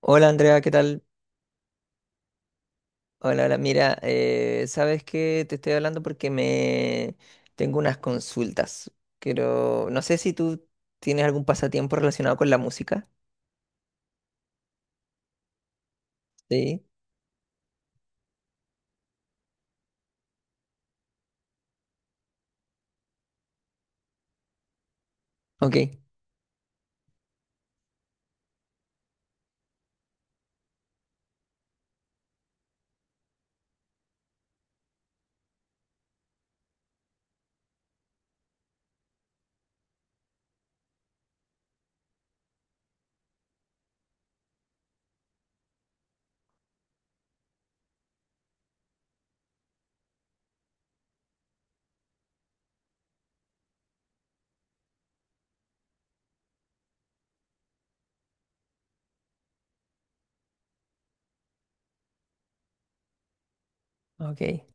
Hola, Andrea, ¿qué tal? Hola, hola. Mira, sabes que te estoy hablando porque me tengo unas consultas. Quiero, no sé si tú tienes algún pasatiempo relacionado con la música. Sí. Ok, ok.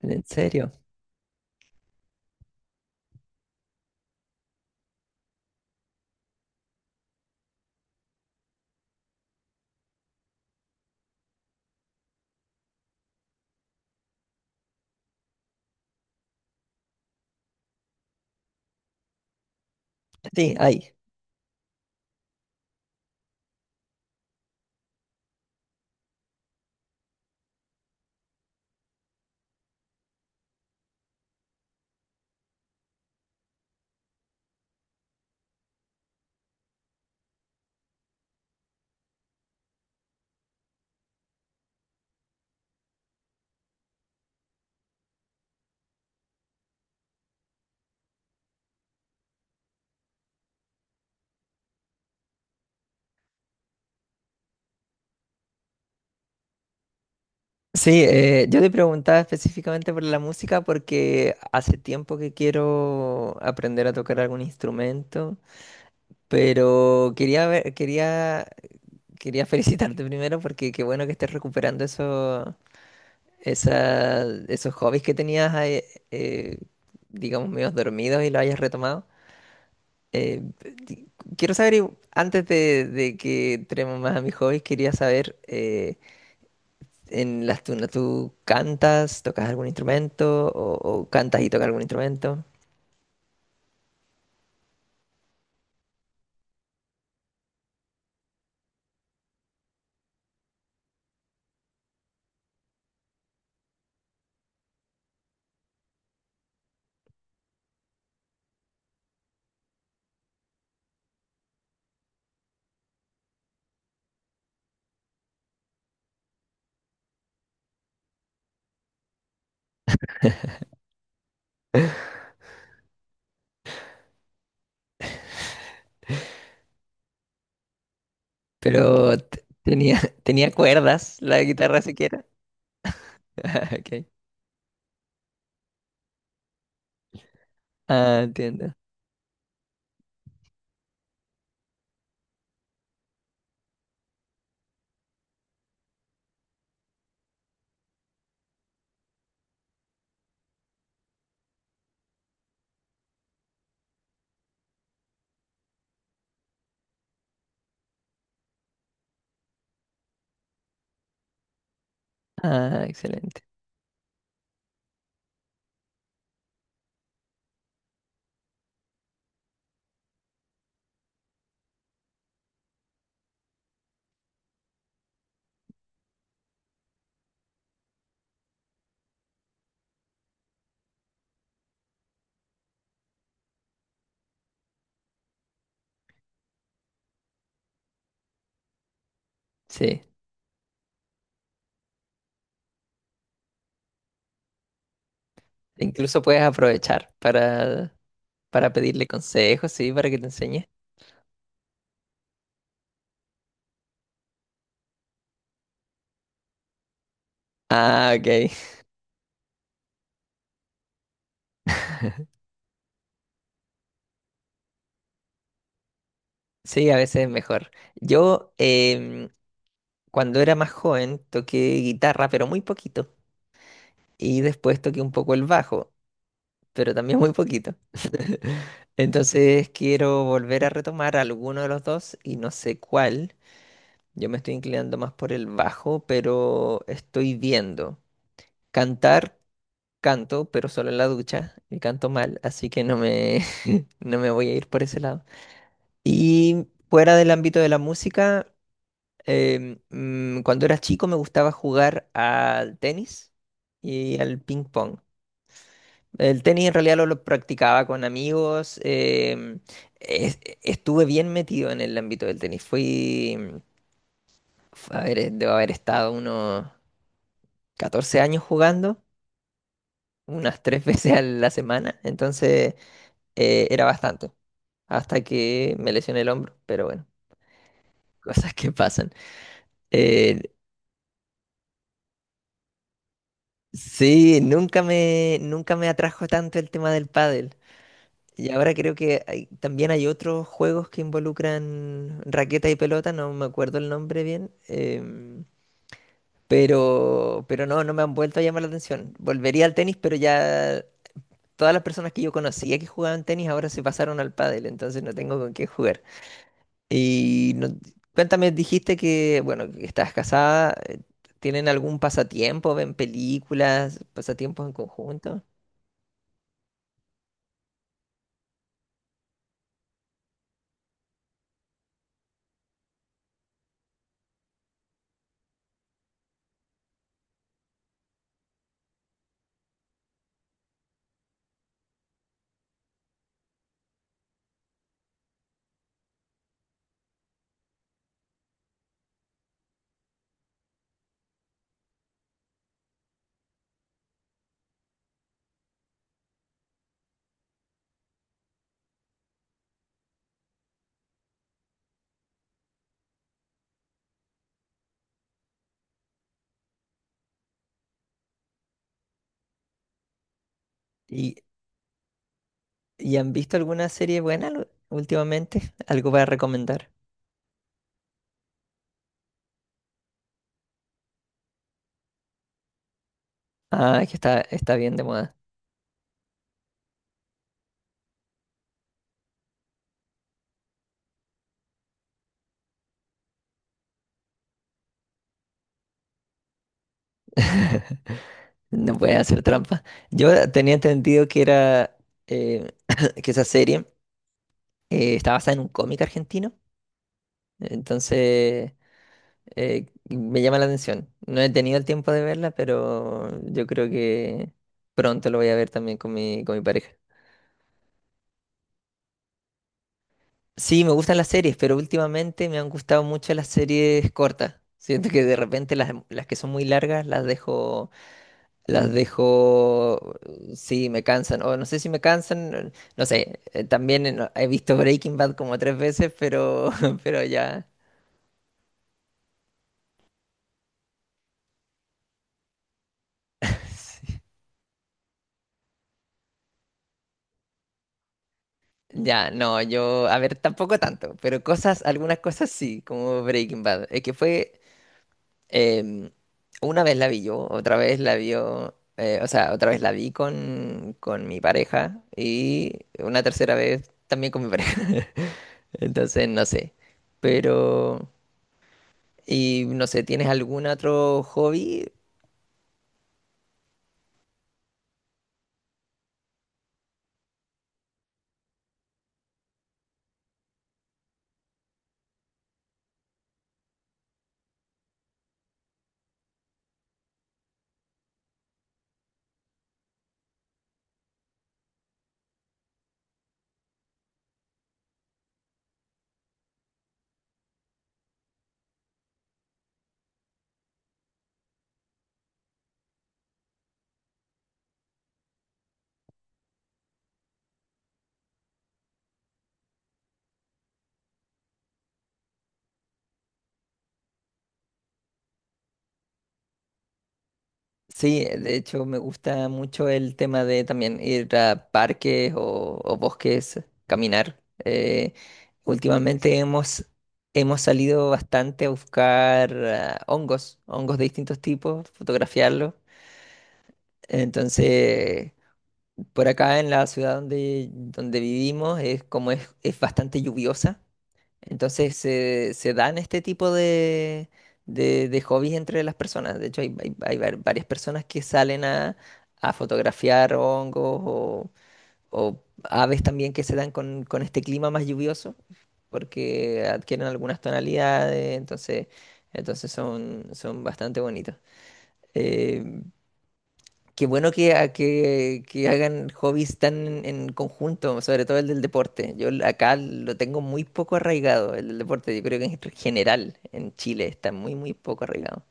¿En serio? Sí, ahí. Sí, yo te preguntaba específicamente por la música porque hace tiempo que quiero aprender a tocar algún instrumento, pero quería ver, quería, quería felicitarte primero porque qué bueno que estés recuperando eso esa, esos hobbies que tenías, ahí, eh, digamos, medios dormidos y lo hayas retomado. Eh, di- Quiero saber, antes de que entremos más a mis hobbies, quería saber, en las tunas, ¿tú cantas, tocas algún instrumento o cantas y tocas algún instrumento? Pero tenía, tenía cuerdas, la guitarra siquiera. Ah, ok. Ah, entiendo. Ah, excelente. Sí, incluso puedes aprovechar para pedirle consejos, sí, para que te enseñe. Ah, ok. Sí, a veces es mejor. Yo, cuando era más joven, toqué guitarra, pero muy poquito. Y después toqué un poco el bajo, pero también muy poquito. Entonces quiero volver a retomar alguno de los dos y no sé cuál. Yo me estoy inclinando más por el bajo, pero estoy viendo. Cantar, canto, pero solo en la ducha y canto mal, así que no me, no me voy a ir por ese lado. Y fuera del ámbito de la música. Cuando era chico me gustaba jugar al tenis y al ping pong. El tenis en realidad lo practicaba con amigos. Estuve bien metido en el ámbito del tenis. A ver, debo haber estado unos 14 años jugando, unas 3 veces a la semana. Entonces era bastante. Hasta que me lesioné el hombro, pero bueno, cosas que pasan. Eh. Sí, nunca me, nunca me atrajo tanto el tema del pádel. Y ahora creo que también hay otros juegos que involucran raqueta y pelota, no me acuerdo el nombre bien, pero no, no me han vuelto a llamar la atención. Volvería al tenis, pero ya todas las personas que yo conocía que jugaban tenis ahora se pasaron al pádel, entonces no tengo con qué jugar. Y no- Cuéntame, dijiste que, bueno, que estás casada, ¿tienen algún pasatiempo? ¿Ven películas, pasatiempos en conjunto? ¿Y, y han visto alguna serie buena últimamente? ¿Algo para recomendar? Ah, es que está, está bien de moda. No puede hacer trampa. Yo tenía entendido que era eh, que esa serie está basada en un cómic argentino. Entonces me llama la atención. No he tenido el tiempo de verla, pero yo creo que pronto lo voy a ver también con mi pareja. Sí, me gustan las series, pero últimamente me han gustado mucho las series cortas. Siento que de repente las que son muy largas las dejo. Las dejo, sí, me cansan, o no sé si me cansan, no sé, también he visto Breaking Bad como 3 veces, pero, pero ya, ya, no, yo, a ver, tampoco tanto, pero cosas, algunas cosas sí, como Breaking Bad, es que fue, em, una vez la vi yo, otra vez la vio, o sea, otra vez la vi con mi pareja y una tercera vez también con mi pareja. Entonces no sé, pero... Y no sé, ¿tienes algún otro hobby? Sí, de hecho me gusta mucho el tema de también ir a parques o bosques, caminar. Últimamente hemos, hemos salido bastante a buscar ah, hongos, hongos de distintos tipos, fotografiarlos. Entonces, por acá en la ciudad donde, donde vivimos es como es bastante lluviosa. Entonces se se dan este tipo de hobbies entre las personas. De hecho, hay, varias personas que salen a fotografiar hongos o aves también que se dan con este clima más lluvioso, porque adquieren algunas tonalidades, entonces, entonces son, son bastante bonitos. Eh. Qué bueno que, que hagan hobbies tan en conjunto, sobre todo el del deporte. Yo acá lo tengo muy poco arraigado, el del deporte. Yo creo que en general en Chile está muy, muy poco arraigado.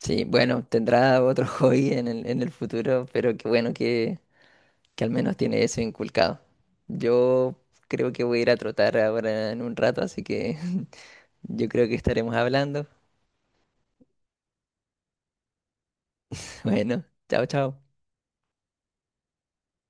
Sí, bueno, tendrá otro hobby en el futuro, pero qué bueno que al menos tiene eso inculcado. Yo creo que voy a ir a trotar ahora en un rato, así que yo creo que estaremos hablando. Bueno, chao, chao.